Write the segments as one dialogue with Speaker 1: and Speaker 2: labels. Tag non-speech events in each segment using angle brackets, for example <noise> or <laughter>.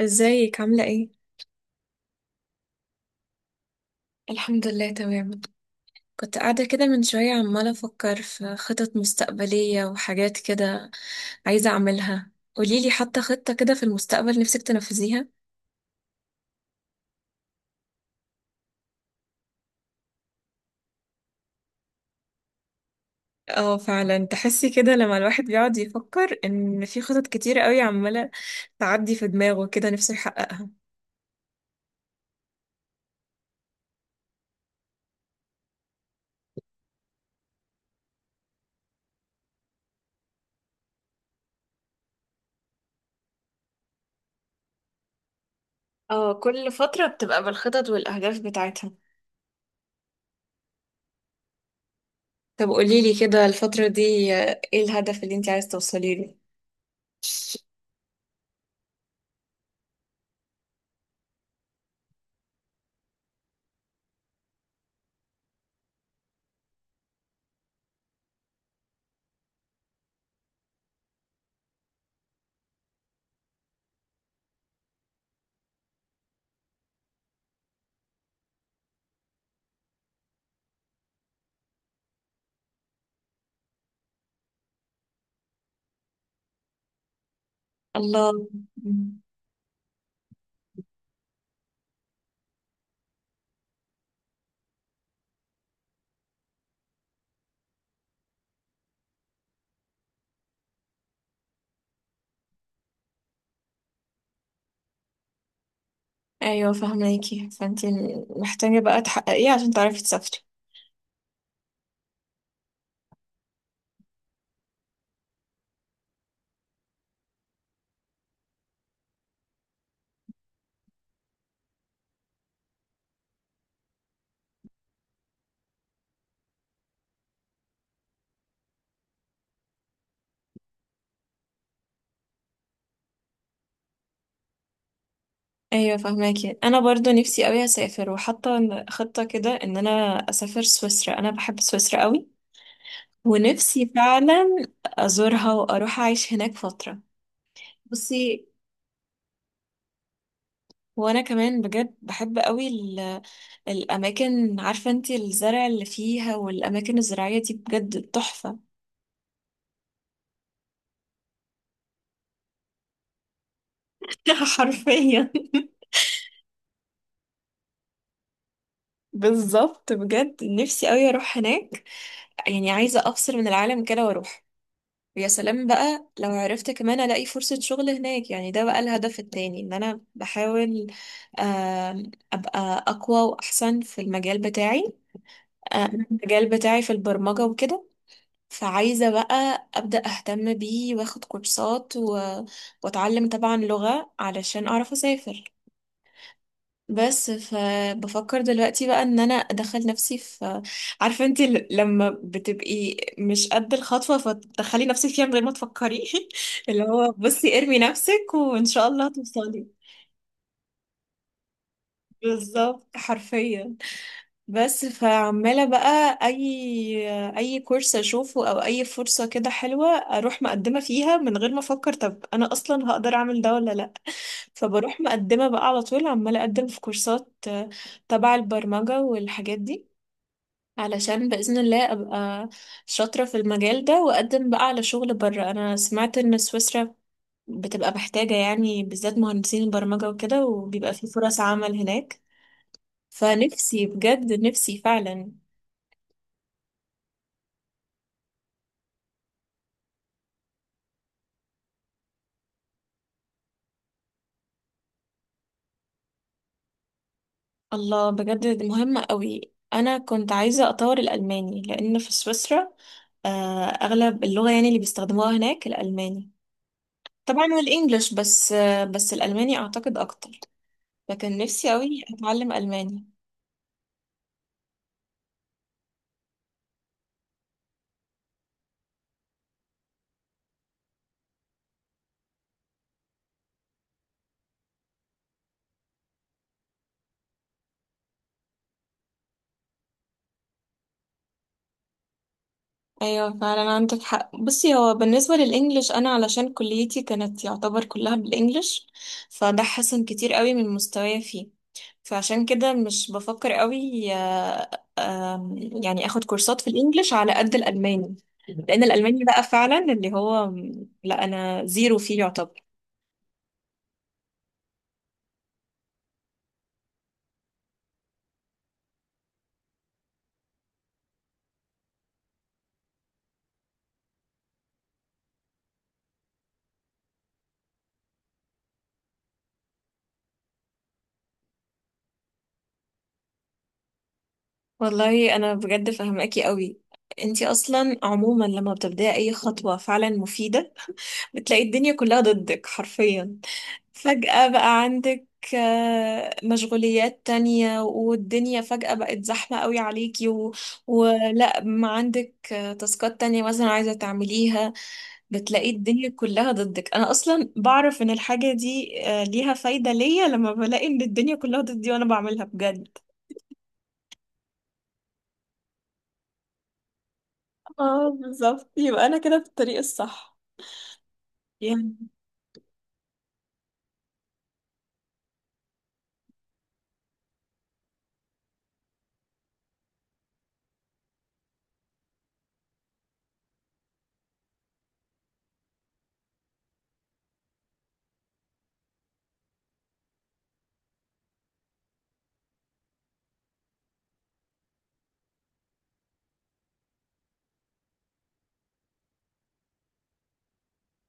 Speaker 1: ازيك عاملة ايه؟ الحمد لله تمام. كنت قاعدة كده من شوية عمالة أفكر في خطط مستقبلية وحاجات كده عايزة أعملها. قوليلي حتى خطة كده في المستقبل نفسك تنفذيها. اه، فعلا تحسي كده لما الواحد بيقعد يفكر إن في خطط كتير قوي عمالة تعدي في دماغه كده نفسه يحققها. اه، كل فترة بتبقى بالخطط والأهداف بتاعتها. طب قوليلي كده الفترة دي، ايه الهدف اللي انت عايز توصلي له؟ الله. ايوه فهماكي، فانت محتاجة بقى تحققيه عشان تعرفي تسافري. ايوه فهماكي، انا برضو نفسي قوي اسافر وحاطه خطة كده ان انا اسافر سويسرا. انا بحب سويسرا قوي، ونفسي فعلا ازورها واروح اعيش هناك فترة. بصي، وانا كمان بجد بحب قوي الاماكن، عارفة انت الزرع اللي فيها والاماكن الزراعية دي بجد تحفة. <laughs> حرفيا. بالظبط، بجد نفسي قوي اروح هناك. يعني عايزة افصل من العالم كده واروح. ويا سلام بقى لو عرفت كمان الاقي فرصة شغل هناك، يعني ده بقى الهدف التاني ان انا بحاول ابقى اقوى واحسن في المجال بتاعي. المجال بتاعي في البرمجة وكده. فعايزة بقى ابدأ اهتم بيه واخد كورسات واتعلم طبعا لغة علشان اعرف اسافر. بس فبفكر دلوقتي بقى ان انا ادخل نفسي في، عارفه انت، لما بتبقي مش قد الخطوه فتدخلي نفسك فيها من غير ما تفكري. <laughs> اللي هو بصي ارمي نفسك وان شاء الله توصلي. بالظبط حرفيا. بس فعماله بقى اي كورس اشوفه او اي فرصه كده حلوه، اروح مقدمه فيها من غير ما افكر طب انا اصلا هقدر اعمل ده ولا لا. فبروح مقدمه بقى على طول عماله اقدم في كورسات، تبع البرمجه والحاجات دي، علشان بإذن الله أبقى شاطرة في المجال ده وأقدم بقى على شغل بره. أنا سمعت إن سويسرا بتبقى محتاجة يعني بالذات مهندسين البرمجة وكده، وبيبقى في فرص عمل هناك. فنفسي بجد، نفسي فعلا. الله، بجد مهمة قوي. أنا كنت عايزة أطور الألماني لأن في سويسرا أغلب اللغة يعني اللي بيستخدموها هناك الألماني. طبعا والإنجليش، بس الألماني أعتقد أكتر. لكن نفسي قوي أتعلم ألماني. ايوه فعلا عندك حق. بصي هو بالنسبه للانجليش، انا علشان كليتي كانت يعتبر كلها بالانجليش، فده حسن كتير قوي من مستواي فيه. فعشان كده مش بفكر قوي آه، آم، يعني اخد كورسات في الانجليش على قد الالماني. لان الالماني بقى فعلا اللي هو، لا انا زيرو فيه يعتبر. والله انا بجد فاهماكي قوي. انتي اصلا عموما لما بتبدأي اي خطوه فعلا مفيده <laughs> بتلاقي الدنيا كلها ضدك حرفيا. فجأة بقى عندك مشغوليات تانية، والدنيا فجأة بقت زحمة قوي عليكي، ولا ما عندك تاسكات تانية مثلا عايزة تعمليها. بتلاقي الدنيا كلها ضدك. أنا أصلا بعرف إن الحاجة دي ليها فايدة ليا لما بلاقي إن الدنيا كلها ضدي وأنا بعملها بجد. اه بالظبط، يبقى انا كده في الطريق الصح. يعني.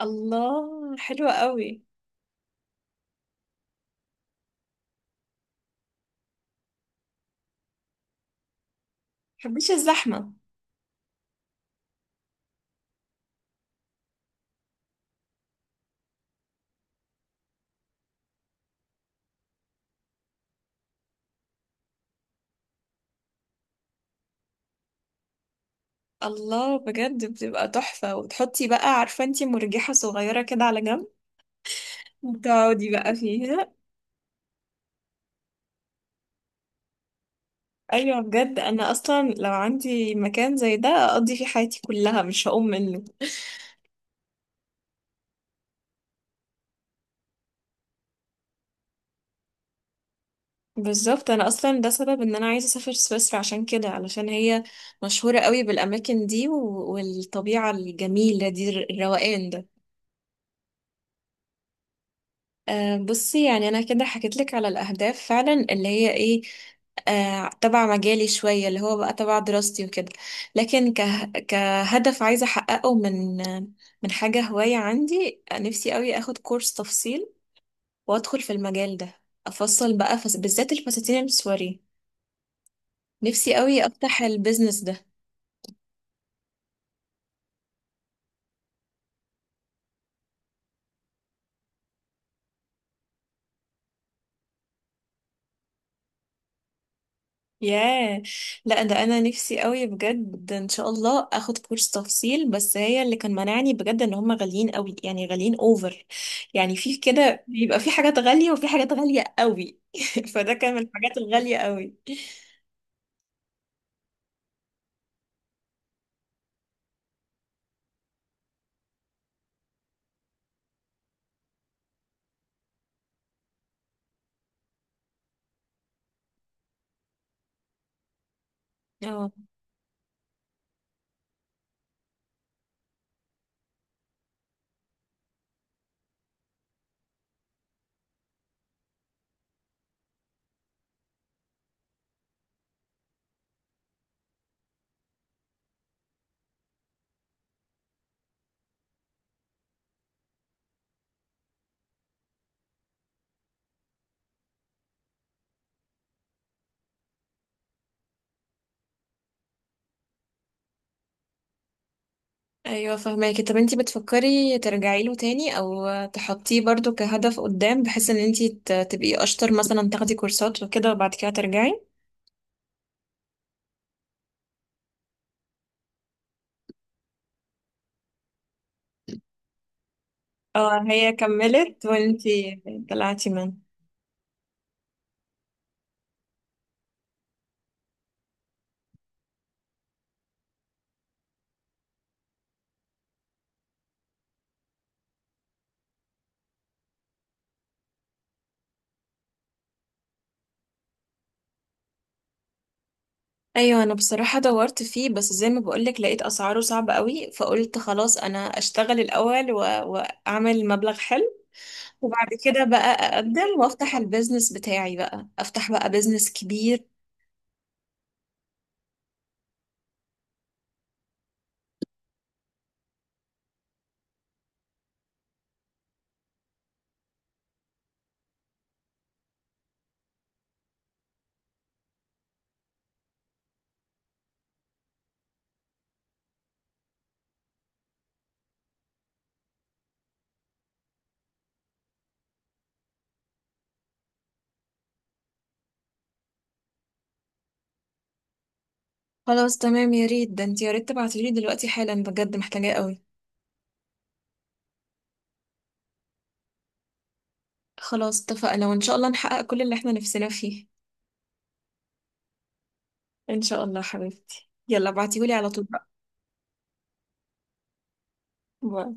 Speaker 1: الله، حلوة قوي. محبيش الزحمة. الله، بجد بتبقى تحفة، وتحطي بقى، عارفة انتي، مرجحة صغيرة كده على جنب وتقعدي بقى فيها. ايوه بجد انا اصلا لو عندي مكان زي ده اقضي فيه حياتي كلها مش هقوم منه. بالظبط، انا اصلا ده سبب ان انا عايزة اسافر سويسرا عشان كده، علشان هي مشهورة قوي بالاماكن دي والطبيعة الجميلة دي الروقان ده. بصي يعني انا كده حكيت لك على الاهداف فعلا اللي هي ايه. تبع مجالي شويه اللي هو بقى تبع دراستي وكده. لكن كهدف عايزه احققه من حاجه هوايه عندي، نفسي قوي اخد كورس تفصيل وادخل في المجال ده. افصل بقى بالذات الفساتين السواري، نفسي قوي افتح البيزنس ده. ياه. لا ده انا نفسي قوي بجد ان شاء الله اخد كورس تفصيل، بس هي اللي كان مانعني بجد ان هم غاليين قوي، يعني غاليين اوفر. يعني في كده بيبقى في حاجات غالية وفي حاجات غالية قوي. <laughs> فده كان من الحاجات الغالية قوي. اه ايوه فهماكي. طب انتي بتفكري ترجعي له تاني او تحطيه برضو كهدف قدام، بحيث ان انتي تبقي اشطر مثلا تاخدي كورسات وكده وبعد كده ترجعي. اه هي كملت وانتي طلعتي منها. ايوه انا بصراحه دورت فيه، بس زي ما بقولك لقيت اسعاره صعبه قوي، فقلت خلاص انا اشتغل الاول واعمل مبلغ حلو، وبعد كده بقى اقدم وافتح البيزنس بتاعي، بقى افتح بقى بيزنس كبير. خلاص تمام، يا ريت ده انت يا ريت تبعتيلي دلوقتي حالا، بجد محتاجاه قوي. خلاص اتفقنا، وان شاء الله نحقق كل اللي احنا نفسنا فيه. ان شاء الله حبيبتي، يلا ابعتيهولي على طول بقى. باي.